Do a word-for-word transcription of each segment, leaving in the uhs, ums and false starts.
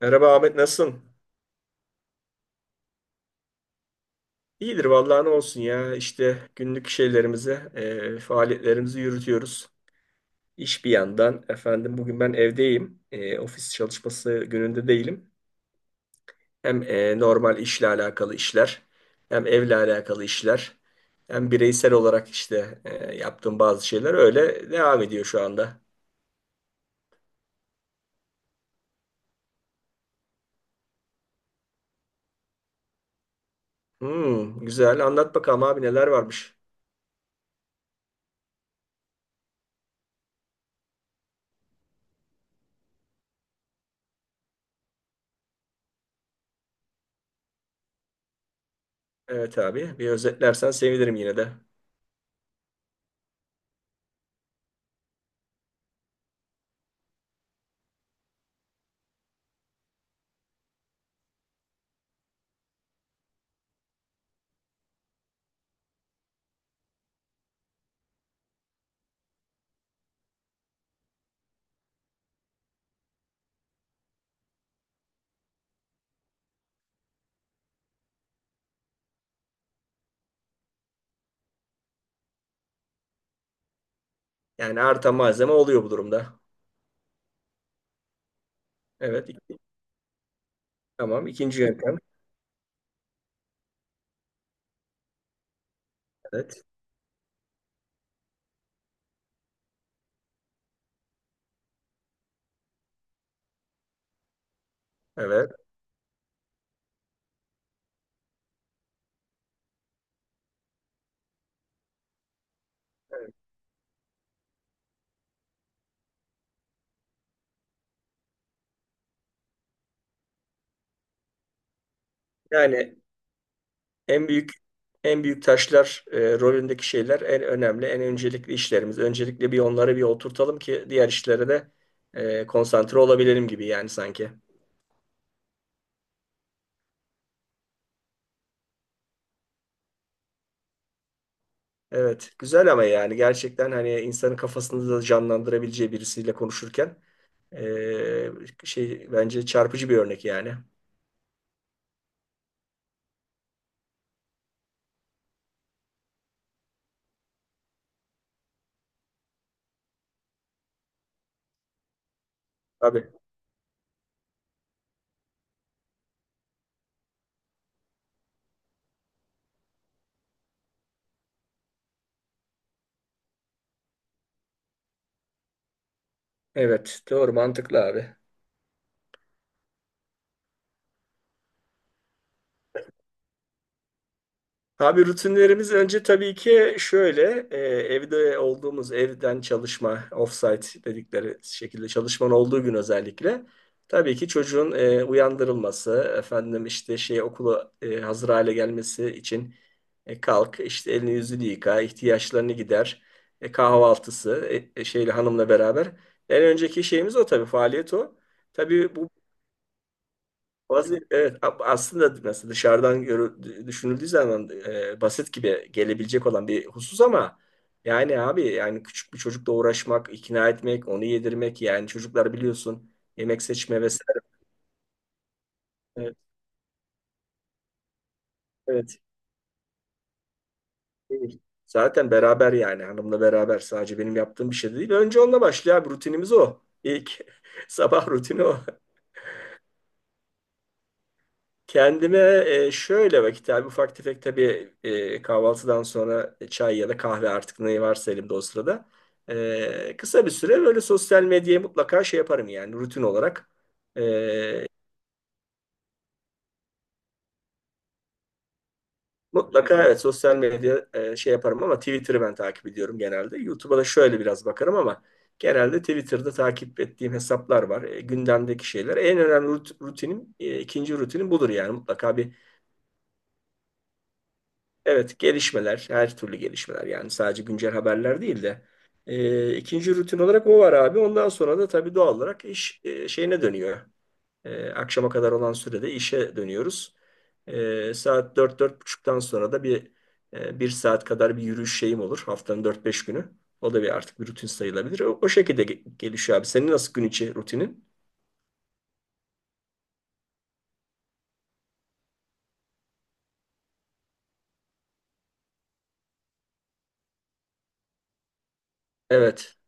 Merhaba Ahmet, nasılsın? İyidir vallahi, ne olsun ya, işte günlük şeylerimizi, e, faaliyetlerimizi yürütüyoruz. İş bir yandan efendim, bugün ben evdeyim. E, ofis çalışması gününde değilim. Hem e, normal işle alakalı işler, hem evle alakalı işler, hem bireysel olarak işte e, yaptığım bazı şeyler öyle devam ediyor şu anda. Hmm, güzel, anlat bakalım abi, neler varmış. Evet abi, bir özetlersen sevinirim yine de. Yani artan malzeme oluyor bu durumda. Evet. Tamam. İkinci yöntem. Evet. Evet. Evet. Yani en büyük en büyük taşlar e, rolündeki şeyler en önemli, en öncelikli işlerimiz. Öncelikle bir onları bir oturtalım ki diğer işlere de e, konsantre olabilelim gibi yani, sanki. Evet, güzel, ama yani gerçekten hani insanın kafasını da canlandırabileceği birisiyle konuşurken e, şey, bence çarpıcı bir örnek yani. Abi. Evet, doğru, mantıklı abi. Abi, rutinlerimiz önce tabii ki şöyle e, evde olduğumuz, evden çalışma offsite dedikleri şekilde çalışmanın olduğu gün özellikle tabii ki çocuğun e, uyandırılması, efendim işte şey, okula e, hazır hale gelmesi için, e, kalk, işte elini yüzünü yıka, ihtiyaçlarını gider, e, kahvaltısı, e, e, şeyle, hanımla beraber en önceki şeyimiz o, tabii faaliyet o. Tabii bu bazı, evet a- aslında mesela dışarıdan görü- düşünüldüğü zaman e, basit gibi gelebilecek olan bir husus ama yani abi, yani küçük bir çocukla uğraşmak, ikna etmek, onu yedirmek, yani çocuklar biliyorsun, yemek seçme vesaire. Evet, evet. Değil. Zaten beraber, yani hanımla beraber, sadece benim yaptığım bir şey de değil. Önce onunla başlıyor abi, rutinimiz o. İlk sabah rutini o. Kendime e, şöyle vakit abi, ufak tefek tabii, e, kahvaltıdan sonra e, çay ya da kahve artık, ne varsa elimde o sırada. E, kısa bir süre böyle sosyal medyaya mutlaka şey yaparım yani, rutin olarak. E, Mutlaka evet, sosyal medya e, şey yaparım ama Twitter'ı ben takip ediyorum genelde. YouTube'a da şöyle biraz bakarım ama genelde Twitter'da takip ettiğim hesaplar var. E, gündemdeki şeyler. En önemli rut- rutinim, e, ikinci rutinim budur yani, mutlaka bir. Evet, gelişmeler, her türlü gelişmeler, yani sadece güncel haberler değil de e, ikinci rutin olarak o var abi. Ondan sonra da tabii doğal olarak iş e, şeyine dönüyor. E, akşama kadar olan sürede işe dönüyoruz. E, saat dört, dört buçuktan sonra da bir e, bir saat kadar bir yürüyüş şeyim olur. Haftanın dört beş günü. O da bir, artık bir rutin sayılabilir. O, o şekilde ge- gelişiyor abi. Senin nasıl gün içi rutinin? Evet,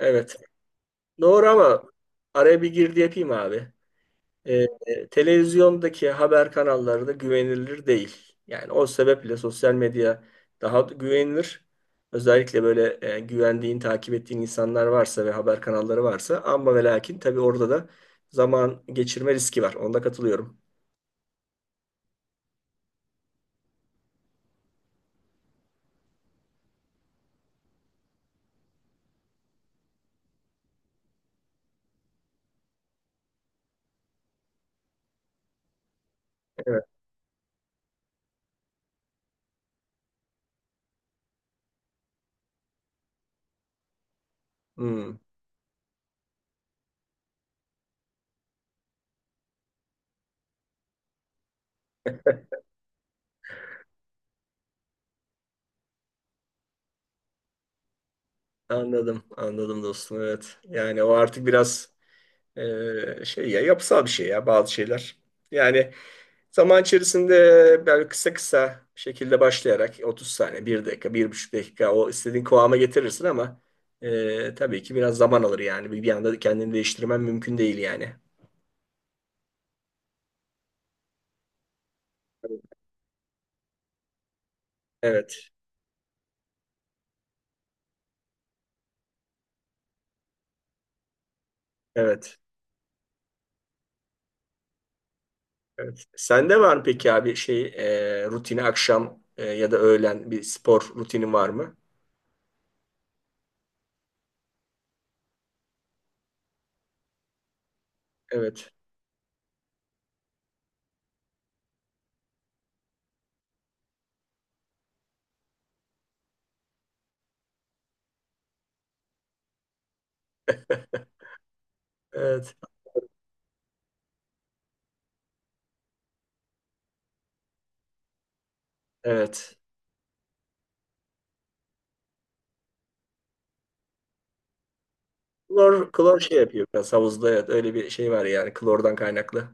evet. Doğru, ama araya bir girdi yapayım abi. E, e, televizyondaki haber kanalları da güvenilir değil. Yani o sebeple sosyal medya daha güvenilir. Özellikle böyle e, güvendiğin, takip ettiğin insanlar varsa ve haber kanalları varsa, ama ve lakin tabii orada da zaman geçirme riski var. Onda katılıyorum. Evet. Hmm, anladım, anladım dostum. Evet. Yani o artık biraz e, şey, ya yapısal bir şey ya bazı şeyler. Yani zaman içerisinde böyle kısa kısa bir şekilde başlayarak otuz saniye, bir dakika, bir buçuk dakika o istediğin kıvama getirirsin ama e, tabii ki biraz zaman alır yani. Bir, bir anda kendini değiştirmen mümkün değil yani. Evet, evet, evet. Sende var mı peki abi şey, e, rutini, akşam e, ya da öğlen bir spor rutinin var mı? Evet, evet, evet. Klor, klor şey yapıyor biraz havuzda, evet, öyle bir şey var yani, klordan kaynaklı.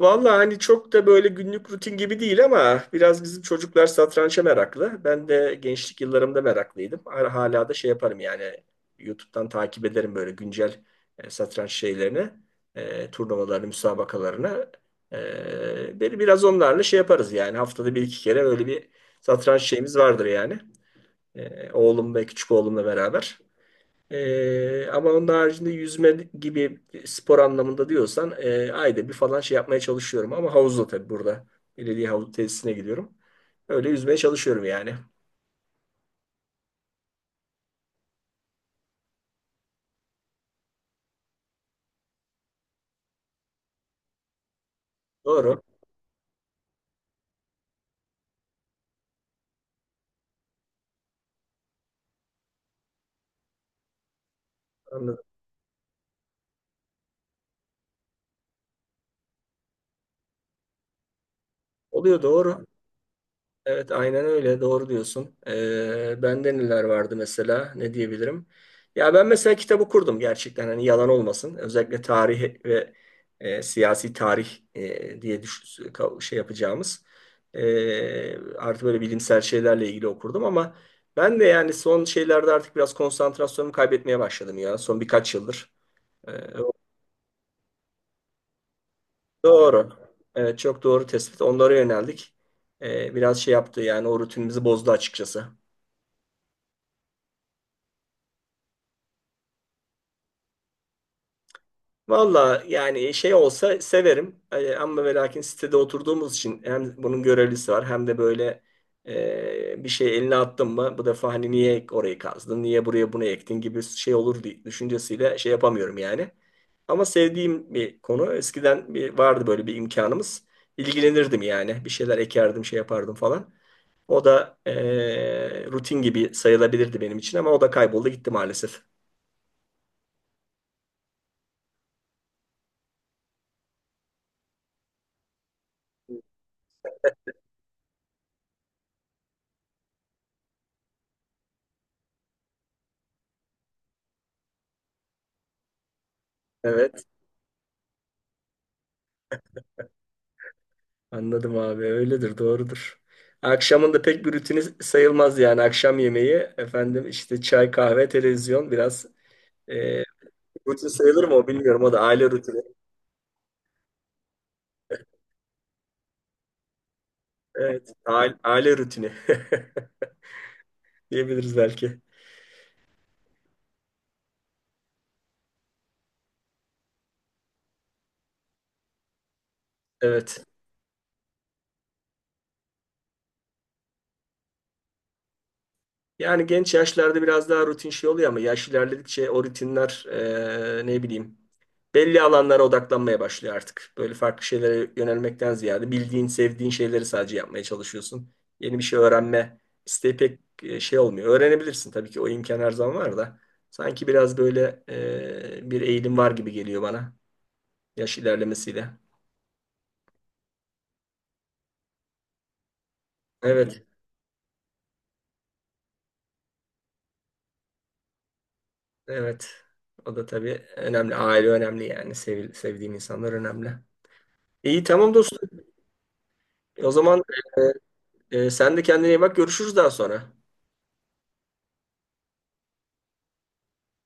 Vallahi hani çok da böyle günlük rutin gibi değil ama biraz bizim çocuklar satrança meraklı. Ben de gençlik yıllarımda meraklıydım. Hala hala da şey yaparım yani, YouTube'dan takip ederim böyle güncel e, satranç şeylerini, e, turnuvalarını, müsabakalarını. E, beni biraz onlarla şey yaparız yani, haftada bir iki kere böyle bir satranç şeyimiz vardır yani. E, oğlum ve küçük oğlumla beraber. Ee, ama onun haricinde yüzme gibi spor anlamında diyorsan e, ayda bir falan şey yapmaya çalışıyorum. Ama havuzda tabii, burada. Belediye havuz tesisine gidiyorum. Öyle yüzmeye çalışıyorum yani. Doğru. Anladım. Oluyor, doğru. Evet, aynen öyle. Doğru diyorsun. Ee, bende neler vardı mesela? Ne diyebilirim? Ya ben mesela kitap okurdum gerçekten. Hani yalan olmasın. Özellikle tarih ve e, siyasi tarih e, diye düş ka- şey yapacağımız. E, artık böyle bilimsel şeylerle ilgili okurdum ama ben de yani son şeylerde artık biraz konsantrasyonumu kaybetmeye başladım ya. Son birkaç yıldır. Ee, doğru. Evet, çok doğru tespit. Onlara yöneldik. Ee, biraz şey yaptı yani, o rutinimizi bozdu açıkçası. Valla yani şey olsa severim. E, ama ve lakin sitede oturduğumuz için hem bunun görevlisi var, hem de böyle e, bir şey eline attın mı bu defa, hani niye orayı kazdın, niye buraya bunu ektin gibi şey olur diye düşüncesiyle şey yapamıyorum yani. Ama sevdiğim bir konu, eskiden bir vardı böyle bir imkanımız, ilgilenirdim yani, bir şeyler ekerdim şey yapardım falan. O da e, rutin gibi sayılabilirdi benim için ama o da kayboldu gitti maalesef. Anladım abi, öyledir, doğrudur. Akşamın da pek bir rutini sayılmaz yani, akşam yemeği, efendim işte çay, kahve, televizyon biraz, e, rutin sayılır mı o bilmiyorum, o da aile rutini. Evet, aile, aile rutini diyebiliriz belki. Evet. Yani genç yaşlarda biraz daha rutin şey oluyor ama yaş ilerledikçe o rutinler e, ne bileyim belli alanlara odaklanmaya başlıyor artık. Böyle farklı şeylere yönelmekten ziyade bildiğin, sevdiğin şeyleri sadece yapmaya çalışıyorsun. Yeni bir şey öğrenme isteği pek e, şey olmuyor. Öğrenebilirsin tabii ki, o imkan her zaman var da sanki biraz böyle e, bir eğilim var gibi geliyor bana, yaş ilerlemesiyle. Evet, evet. O da tabii önemli. Aile önemli yani. Sevil- sevdiğin insanlar önemli. İyi, tamam dostum. E, O zaman e, e, sen de kendine iyi bak. Görüşürüz daha sonra.